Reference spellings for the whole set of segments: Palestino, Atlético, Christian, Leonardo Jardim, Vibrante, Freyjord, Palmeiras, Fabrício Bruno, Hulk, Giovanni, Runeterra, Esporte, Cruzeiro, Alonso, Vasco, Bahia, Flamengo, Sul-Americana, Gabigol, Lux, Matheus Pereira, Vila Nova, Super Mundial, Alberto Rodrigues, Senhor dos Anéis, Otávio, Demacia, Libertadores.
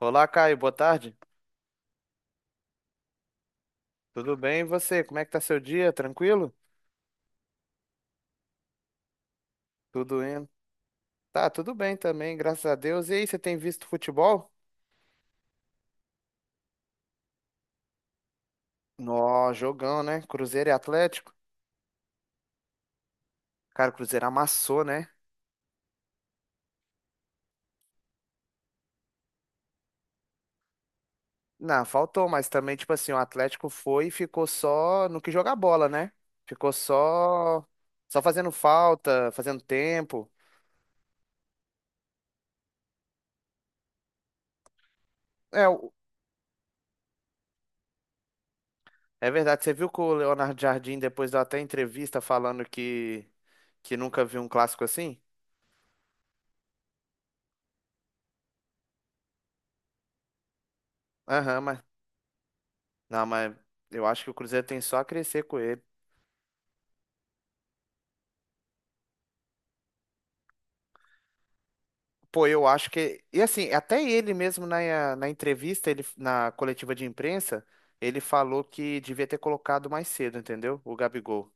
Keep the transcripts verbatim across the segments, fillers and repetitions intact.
Olá, Caio, boa tarde. Tudo bem? E você? Como é que tá seu dia? Tranquilo? Tudo indo? Tá, tudo bem também, graças a Deus. E aí, você tem visto futebol? Nó, jogão, né? Cruzeiro e Atlético. Cara, o Cruzeiro amassou, né? Não, faltou, mas também, tipo assim, o Atlético foi e ficou só no que jogar bola, né? Ficou só só fazendo falta, fazendo tempo. É, o- é verdade, você viu que o Leonardo Jardim depois deu até entrevista falando que que nunca viu um clássico assim? Aham. Não, mas eu acho que o Cruzeiro tem só a crescer com ele. Pô, eu acho que. E assim, até ele mesmo na, na entrevista, ele, na coletiva de imprensa, ele falou que devia ter colocado mais cedo, entendeu? O Gabigol.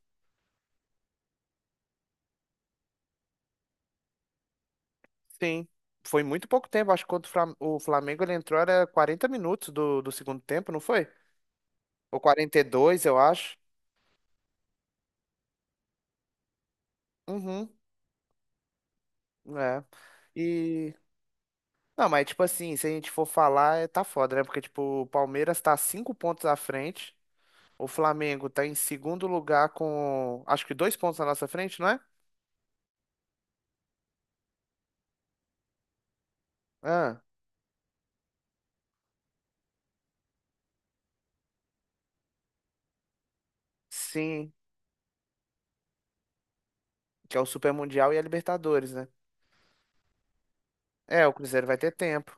Sim. Foi muito pouco tempo. Acho que quando o Flam- o Flamengo ele entrou era quarenta minutos do, do segundo tempo, não foi? Ou quarenta e dois eu acho. Uhum. É. E. Não, mas tipo assim, se a gente for falar, é- tá foda, né? Porque, tipo, o Palmeiras tá cinco pontos à frente. O Flamengo tá em segundo lugar com, acho que dois pontos na nossa frente, não é? Ah, sim, que é o Super Mundial e a Libertadores, né? É, o Cruzeiro vai ter tempo.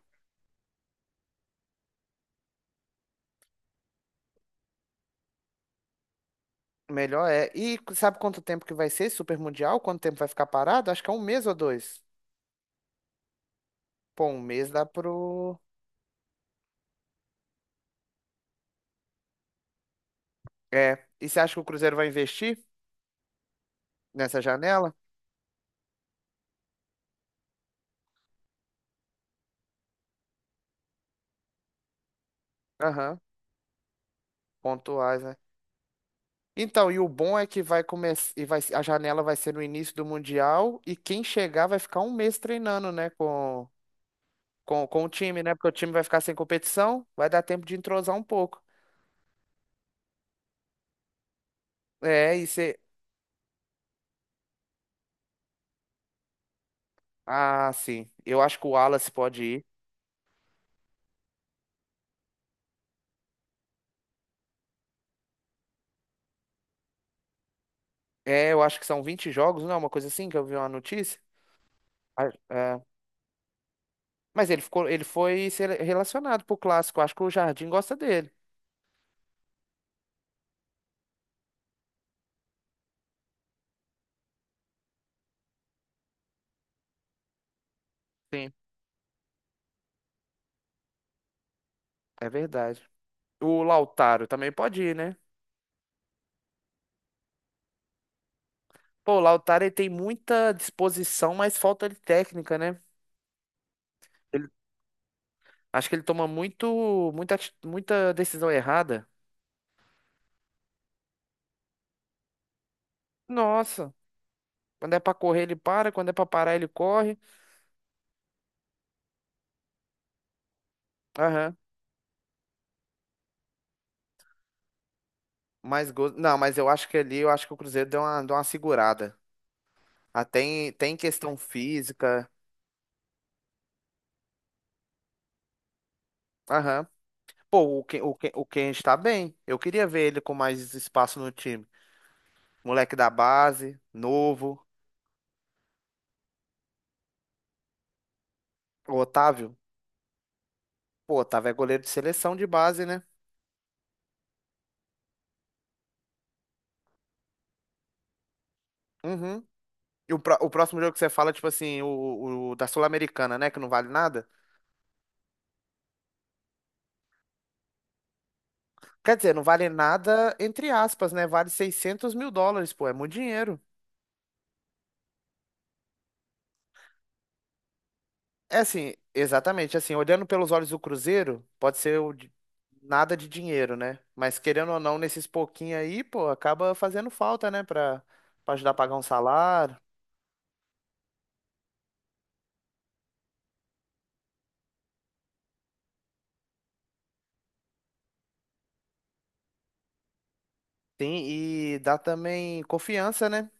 Melhor é. E sabe quanto tempo que vai ser esse Super Mundial? Quanto tempo vai ficar parado? Acho que é um mês ou dois. Pô, um mês dá pro. É. E você acha que o Cruzeiro vai investir nessa janela? Aham, pontuais, né? Então, e o bom é que vai começar e vai a janela vai ser no início do mundial e quem chegar vai ficar um mês treinando, né, com com, com o time, né? Porque o time vai ficar sem competição, vai dar tempo de entrosar um pouco. É, e você. Ah, sim. Eu acho que o Wallace pode ir. É, eu acho que são vinte jogos, não é uma coisa assim que eu vi uma notícia. Ah, é. Mas ele ficou, ele foi sele- relacionado pro clássico. Acho que o Jardim gosta dele. Sim, é verdade. O Lautaro também pode ir, né? Pô, o Lautaro ele tem muita disposição, mas falta de técnica, né? Ele- acho que ele toma muito, muita, ati- muita decisão errada. Nossa. Quando é pra correr, ele para. Quando é pra parar, ele corre. Aham. Mais gols. Não, mas eu acho que ali, eu acho que o Cruzeiro deu uma, deu uma segurada. Ah, tem, tem questão física. Aham. Pô, o Ken, o Ken, o Ken está bem. Eu queria ver ele com mais espaço no time. Moleque da base, novo. O Otávio. Pô, Otávio é goleiro de seleção de base, né? Uhum. E o, pró- o próximo jogo que você fala, tipo assim, o, o da Sul-Americana, né? Que não vale nada. Quer dizer, não vale nada, entre aspas, né? Vale seiscentos mil dólares, pô. É muito dinheiro. É assim, exatamente, assim, olhando pelos olhos do Cruzeiro, pode ser o de- nada de dinheiro, né? Mas querendo ou não, nesses pouquinhos aí, pô, acaba fazendo falta, né? Pra, pra ajudar a pagar um salário. Sim, e dá também confiança, né?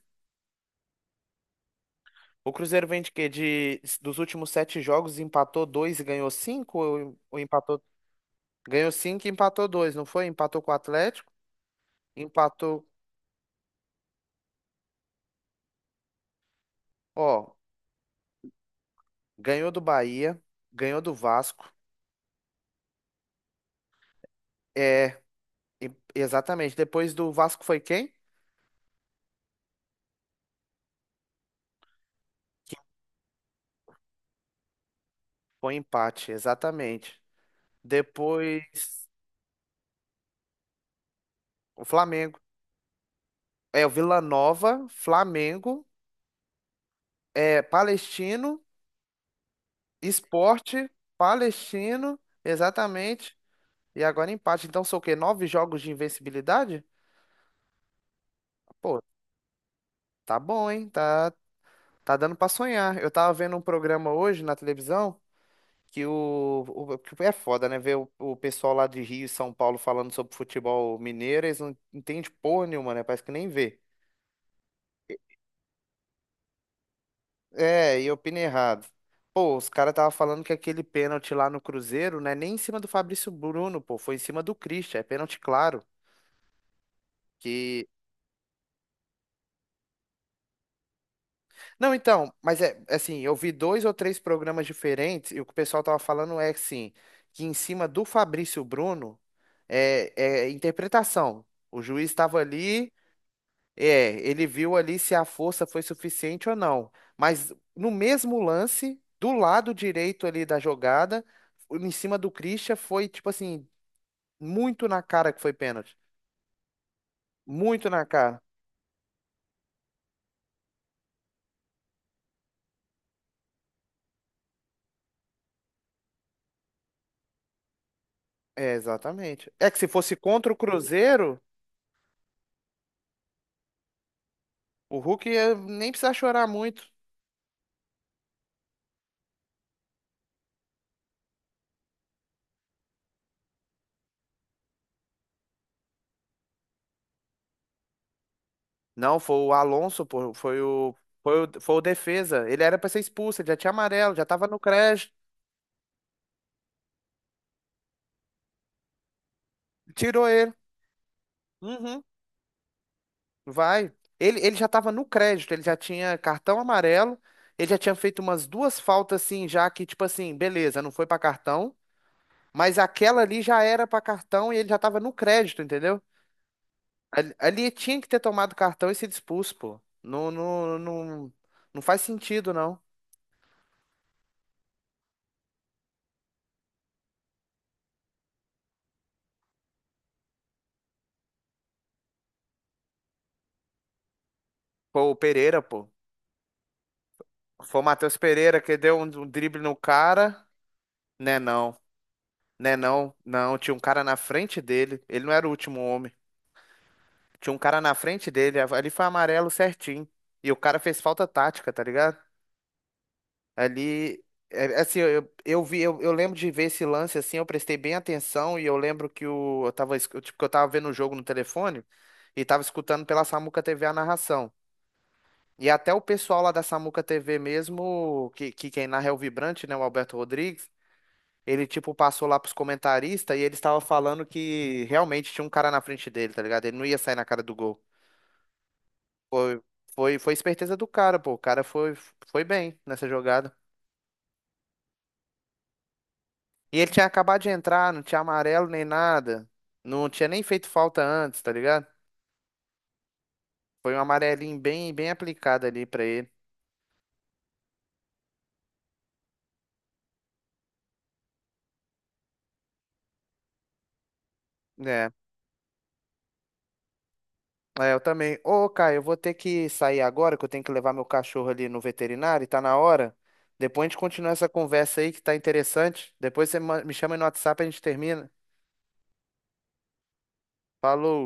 O Cruzeiro vem de quê? De, dos últimos sete jogos, empatou dois e ganhou cinco? Ou, ou empatou, ganhou cinco e empatou dois, não foi? Empatou com o Atlético, empatou, ó, ganhou do Bahia, ganhou do Vasco. É, e- exatamente. Depois do Vasco foi quem? Foi um empate, exatamente. Depois, o Flamengo. É, o Vila Nova, Flamengo, é, Palestino, Esporte, Palestino, exatamente. E agora empate. Então são o quê? Nove jogos de invencibilidade? Pô, tá bom, hein? Tá, tá dando pra sonhar. Eu tava vendo um programa hoje na televisão que o, o- que é foda, né? Ver o, o pessoal lá de Rio e São Paulo falando sobre futebol mineiro, eles não entendem porra nenhuma, né? Parece que nem vê. É, e eu opinei errado. Pô, os caras tava falando que aquele pênalti lá no Cruzeiro, né, nem em cima do Fabrício Bruno, pô, foi em cima do Christian, é pênalti claro. Que... Não, então, mas é é assim, eu vi dois ou três programas diferentes e o que o pessoal tava falando é assim, que em cima do Fabrício Bruno é, é interpretação. O juiz estava ali. É, ele viu ali se a força foi suficiente ou não. Mas no mesmo lance, do lado direito ali da jogada, em cima do Christian, foi tipo assim, muito na cara que foi pênalti. Muito na cara. É, exatamente. É que se fosse contra o Cruzeiro, o Hulk ia nem precisar chorar muito. Não, foi o Alonso, pô, foi o, foi o, foi o defesa. Ele era pra ser expulso, ele já tinha amarelo, já tava no crédito. Tirou ele. Uhum. Vai. Ele, ele já estava no crédito, ele já tinha cartão amarelo, ele já tinha feito umas duas faltas assim, já que, tipo assim, beleza, não foi para cartão, mas aquela ali já era para cartão e ele já estava no crédito, entendeu? Ali, ali tinha que ter tomado cartão e sido expulso, pô. Não, não, não, não faz sentido, não. Pô, o Pereira, pô. Foi o Matheus Pereira que deu um, um drible no cara. Né, não. Né, não. Não, tinha um cara na frente dele. Ele não era o último homem. Tinha um cara na frente dele, ali foi amarelo certinho. E o cara fez falta tática, tá ligado? Ali, é, assim, eu, eu vi, eu, eu lembro de ver esse lance assim, eu prestei bem atenção e eu lembro que o, eu tava, esc- tipo, que eu tava vendo o jogo no telefone e tava escutando pela Samuca T V a narração. E até o pessoal lá da Samuca T V mesmo, que, que quem narra é o Vibrante, né, o Alberto Rodrigues, ele, tipo, passou lá pros comentaristas e eles estavam falando que realmente tinha um cara na frente dele, tá ligado? Ele não ia sair na cara do gol. Foi, foi, foi esperteza do cara, pô. O cara foi, foi, bem nessa jogada. E ele tinha acabado de entrar, não tinha amarelo nem nada. Não tinha nem feito falta antes, tá ligado? Foi um amarelinho bem, bem aplicado ali pra ele. É, é, eu também. Ô, Caio, eu vou ter que sair agora, que eu tenho que levar meu cachorro ali no veterinário, e tá na hora. Depois a gente continua essa conversa aí que tá interessante. Depois você ma- me chama aí no WhatsApp e a gente termina. Falou.